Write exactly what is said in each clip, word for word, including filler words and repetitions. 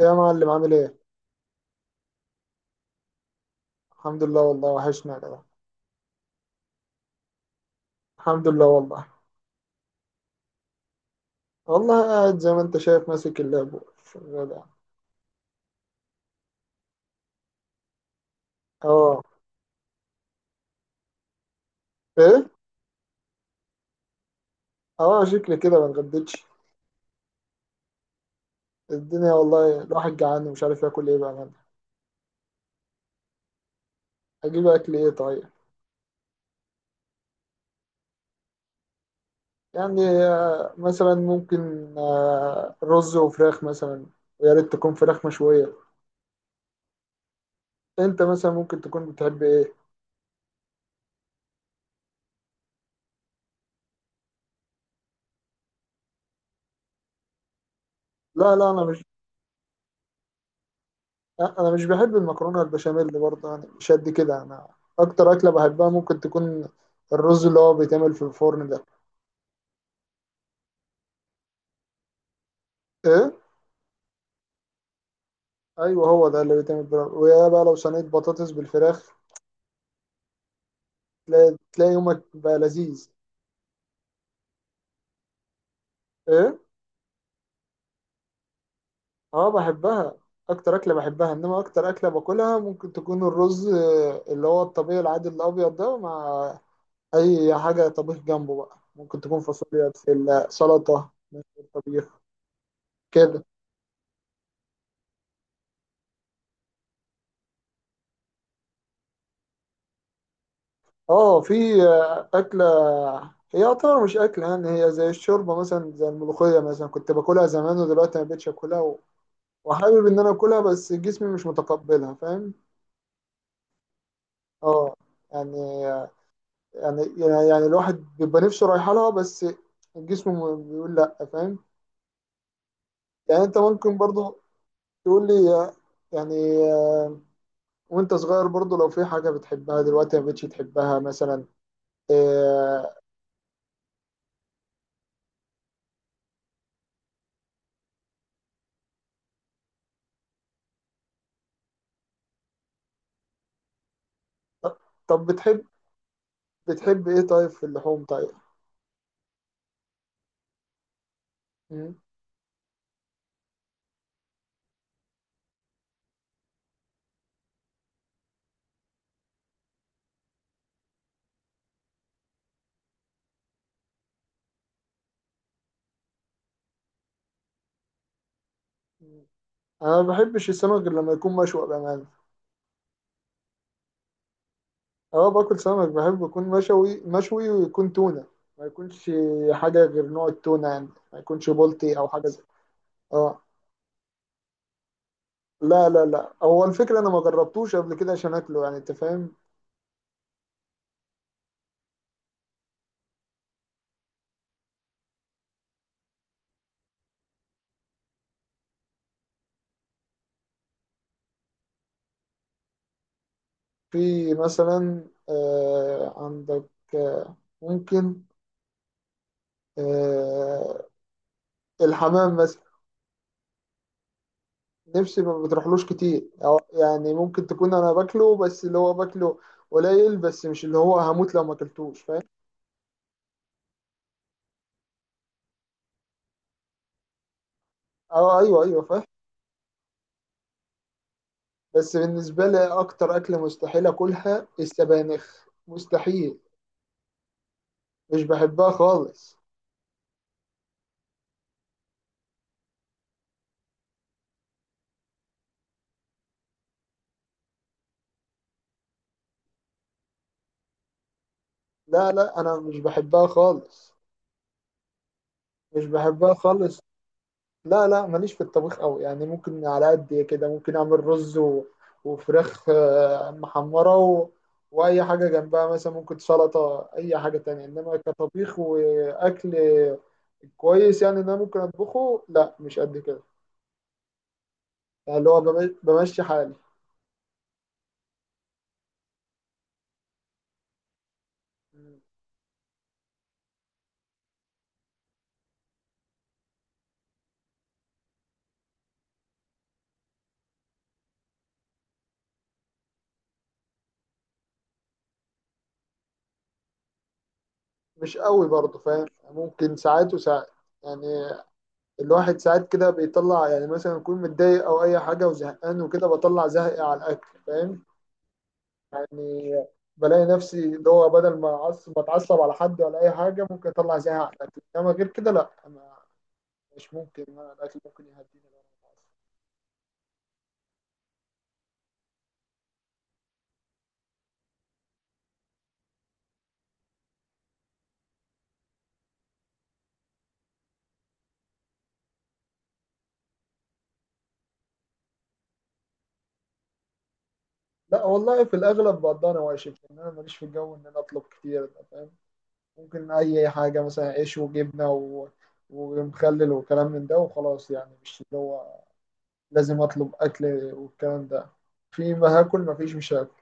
يا معلم، عامل ايه؟ الحمد لله والله، وحشنا يا جدع. الحمد لله والله. والله قاعد زي ما انت شايف، ماسك اللاب، شغال يعني. اه. ايه؟ اه، شكلي كده ما اتغديتش. الدنيا والله، الواحد جعان ومش عارف ياكل ايه بقى أنا. اجيب اكل ايه طيب؟ يعني آه مثلا ممكن آه رز وفراخ مثلا. ويا ريت تكون فراخ مشوية. انت مثلا ممكن تكون بتحب ايه؟ لا لا، انا مش انا مش بحب المكرونه البشاميل برضه، يعني مش قد كده انا. اكتر اكله بحبها ممكن تكون الرز اللي هو بيتعمل في الفرن ده. ايه. ايوه، هو ده اللي بيتعمل بالفراخ، ويا بقى لو صينيه بطاطس بالفراخ تلاقي تلاقي يومك بقى لذيذ. ايه. اه بحبها. اكتر اكله بحبها، انما اكتر اكله باكلها ممكن تكون الرز آه، اللي هو الطبيعي العادي الابيض ده، مع اي حاجه طبيخ جنبه بقى، ممكن تكون فاصوليا، بسله، سلطه، طبيخ كده. اه، في آه، أكلة. هي يعتبر مش أكلة، يعني هي زي الشوربة مثلا، زي الملوخية مثلا، كنت باكلها زمان ودلوقتي ما بقتش أكلها و- وحابب إن أنا أكلها، بس جسمي مش متقبلها، فاهم. اه. يعني يعني يعني يعني الواحد بيبقى نفسه رايحة لها، بس الجسم م- بيقول لأ، فاهم. يعني أنت ممكن برضو تقول لي آه، يعني آه، وأنت صغير برضو، لو في حاجة بتحبها دلوقتي ما بقتش تحبها مثلا آه، طب بتحب. بتحب إيه طيب في اللحوم طيب؟ انا ما بحبش السمك غير لما يكون مشوي بامانه. اه، باكل سمك، بحب يكون مشوي مشوي ويكون تونه. ما يكونش حاجه غير نوع التونه يعني. ما يكونش بولتي او حاجه زي. اه. لا لا لا، هو الفكره انا ما جربتوش قبل كده عشان اكله يعني، انت فاهم. في مثلا آه عندك آه ممكن آه الحمام مثلا. نفسي ما بتروحلوش كتير، أو يعني ممكن تكون انا باكله، بس اللي هو باكله قليل، بس مش اللي هو هموت لو ما اكلتوش، فاهم. اه ايوه ايوه فاهم. بس بالنسبه لي، اكتر اكله مستحيل اكلها السبانخ، مستحيل. مش بحبها خالص. لا لا، انا مش بحبها خالص. مش بحبها خالص. لا لا، ماليش في الطبيخ قوي يعني، ممكن على قد كده، ممكن اعمل رز و... وفراخ آه، محمره و... واي حاجه جنبها مثلا، ممكن سلطه، اي حاجه تانية، انما كطبيخ واكل كويس يعني ان انا ممكن اطبخه، لا مش قد كده. يعني اللي هو بم- بمشي حالي. مش قوي برضه، فاهم. ممكن ساعات وساعات. يعني الواحد ساعات كده بيطلع، يعني مثلا يكون متضايق او اي حاجه وزهقان وكده، بطلع زهقي على الاكل، فاهم. يعني بلاقي نفسي اللي هو بدل ما أعصب بتعصب على حد ولا اي حاجه، ممكن اطلع زهقي على الاكل، انما غير كده لا. أنا مش ممكن، أنا الاكل ممكن يهديني لو أنا متعصب. لا والله، في الاغلب بقضي انا واشف، لان انا ماليش في الجو ان انا اطلب كتير ده، فاهم. ممكن اي حاجه مثلا عيش وجبنه و... ومخلل وكلام من ده وخلاص، يعني مش اللي هو لازم اطلب اكل والكلام ده. في ما هاكل، ما فيش مش هاكل.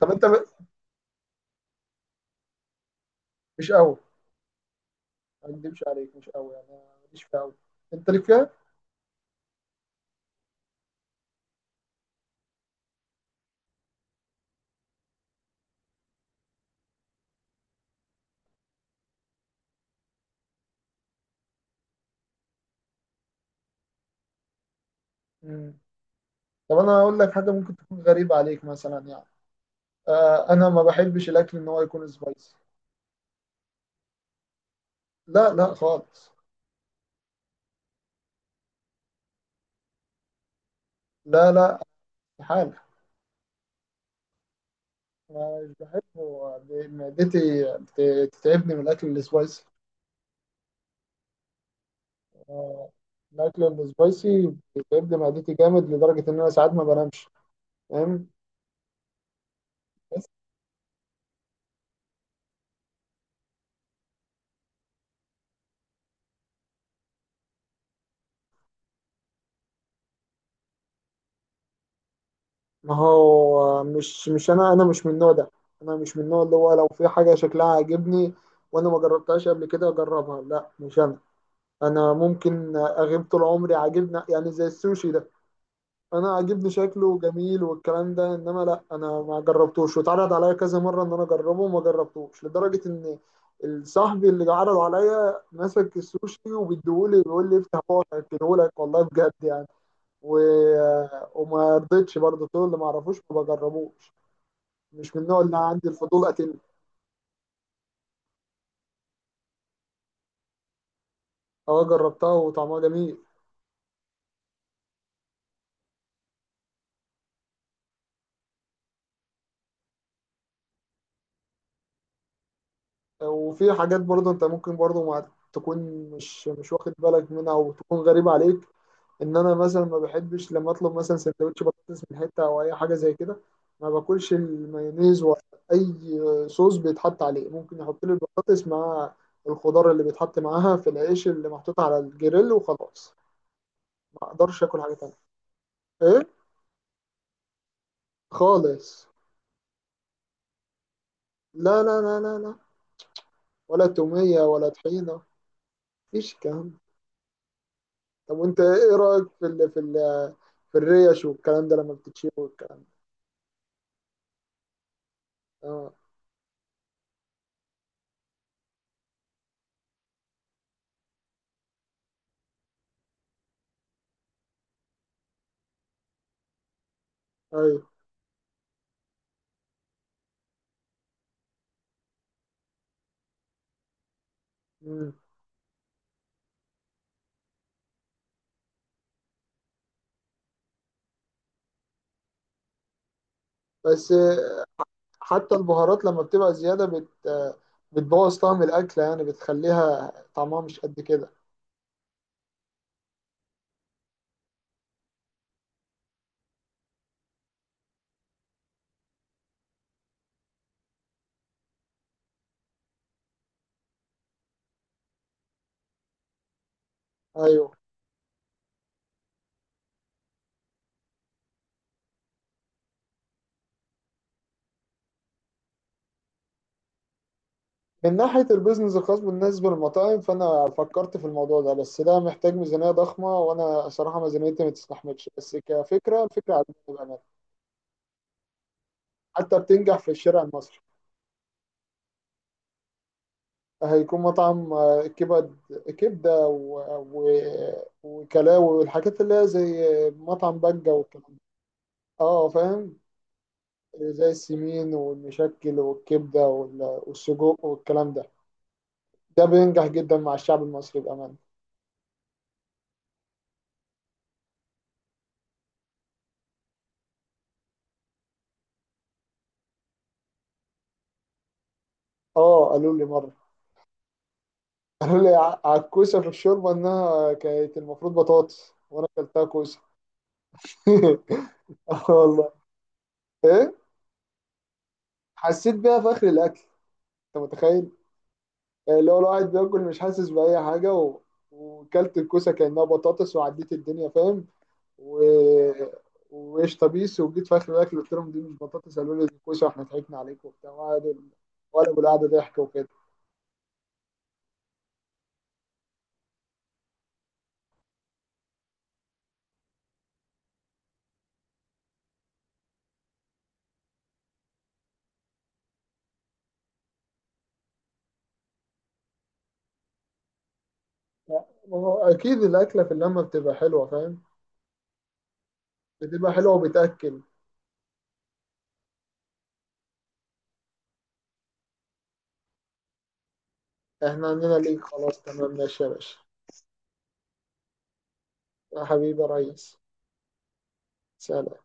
طب انت ب- مش قوي، ما اكدبش عليك، مش قوي يعني، أنا ماليش فيها قوي. انت ليك فيها. مم. طب انا اقول لك حاجه، ممكن تكون غريبه عليك مثلا، يعني آه انا ما بحبش الاكل ان هو يكون سبايسي. لا لا خالص. لا لا استحاله. أنا مش بحبه. معدتي بت- بتتعبني من الاكل السبايسي. آه، الاكل السبايسي بيتعبني معدتي جامد، لدرجه ان انا ساعات ما بنامش، فاهم. ما هو مش مش انا انا مش من النوع ده. انا مش من النوع اللي هو لو في حاجه شكلها عاجبني وانا ما جربتهاش قبل كده اجربها، لا مش انا. انا ممكن اغيب طول عمري عاجبنا، يعني زي السوشي ده، انا عاجبني شكله جميل والكلام ده، انما لا انا ما جربتوش، واتعرض عليا كذا مره ان انا اجربه وما جربتوش، لدرجه ان صاحبي اللي عرض عليا مسك السوشي وبيديهولي بيقول لي افتح بقى اكلهولك، والله بجد يعني و... وما رضيتش برضه، طول اللي ما اعرفوش ما بجربوش، مش من النوع اللي عندي الفضول اتم. اه جربتها وطعمها جميل. وفي حاجات برضه انت ممكن برضه ما تكون مش مش واخد بالك منها او تكون غريبة عليك. ان انا مثلا ما بحبش لما اطلب مثلا سندوتش بطاطس من حتة او اي حاجة زي كده، ما باكلش المايونيز ولا اي صوص بيتحط عليه. ممكن يحط لي البطاطس مع الخضار اللي بيتحط معاها في العيش اللي محطوط على الجريل وخلاص. ما اقدرش اكل حاجة تانية. ايه. خالص. لا لا لا لا لا، ولا تومية ولا طحينة. مفيش الكلام ده. طب وانت ايه رأيك في ال في ال في الريش والكلام ده لما بتتشوي والكلام ده؟ اه ايوه. مم. بس آه، حتى البهارات لما بتبقى زيادة بت آه، بتبوظ طعم الأكلة، يعني بتخليها طعمها مش قد كده. ايوه. من ناحية البيزنس الخاص بالنسبة للمطاعم، فأنا فكرت في الموضوع ده، بس ده محتاج ميزانية ضخمة وأنا صراحة ميزانيتي ما تستحملش، بس كفكرة الفكرة عجبتني بأمانة. حتى بتنجح في الشارع المصري. هيكون مطعم آه، كبد، كبدة و... و... وكلاوي والحاجات اللي هي زي مطعم بجة والكلام ده. اه فاهم. زي السمين والمشكل والكبدة وال... والسجق والكلام ده. ده بينجح جدا مع الشعب المصري بأمانة. اه قالوا لي مرة. قالوا لي ع- على الكوسة في الشوربة إنها كانت المفروض بطاطس وأنا أكلتها كوسة. اه والله. ايه. حسيت بيها في آخر الأكل. أنت متخيل؟ اللي هو الواحد بياكل مش حاسس بأي حاجة و... وكلت الكوسة كأنها بطاطس وعديت الدنيا، فاهم، و... وقشطة بيس، وجيت في آخر الأكل قلت لهم دي مش بطاطس، قالوا لي دي كوسة واحنا ضحكنا عليكم وبتاع، وقعدوا ولا بالقعدة ضحك وكده. لا، ما هو أكيد الأكلة في اللمة بتبقى حلوة، فاهم. بتبقى حلوة وبتأكل. احنا عندنا ليك خلاص، تمام ماشي يا باشا. يا حبيبي يا ريس. سلام.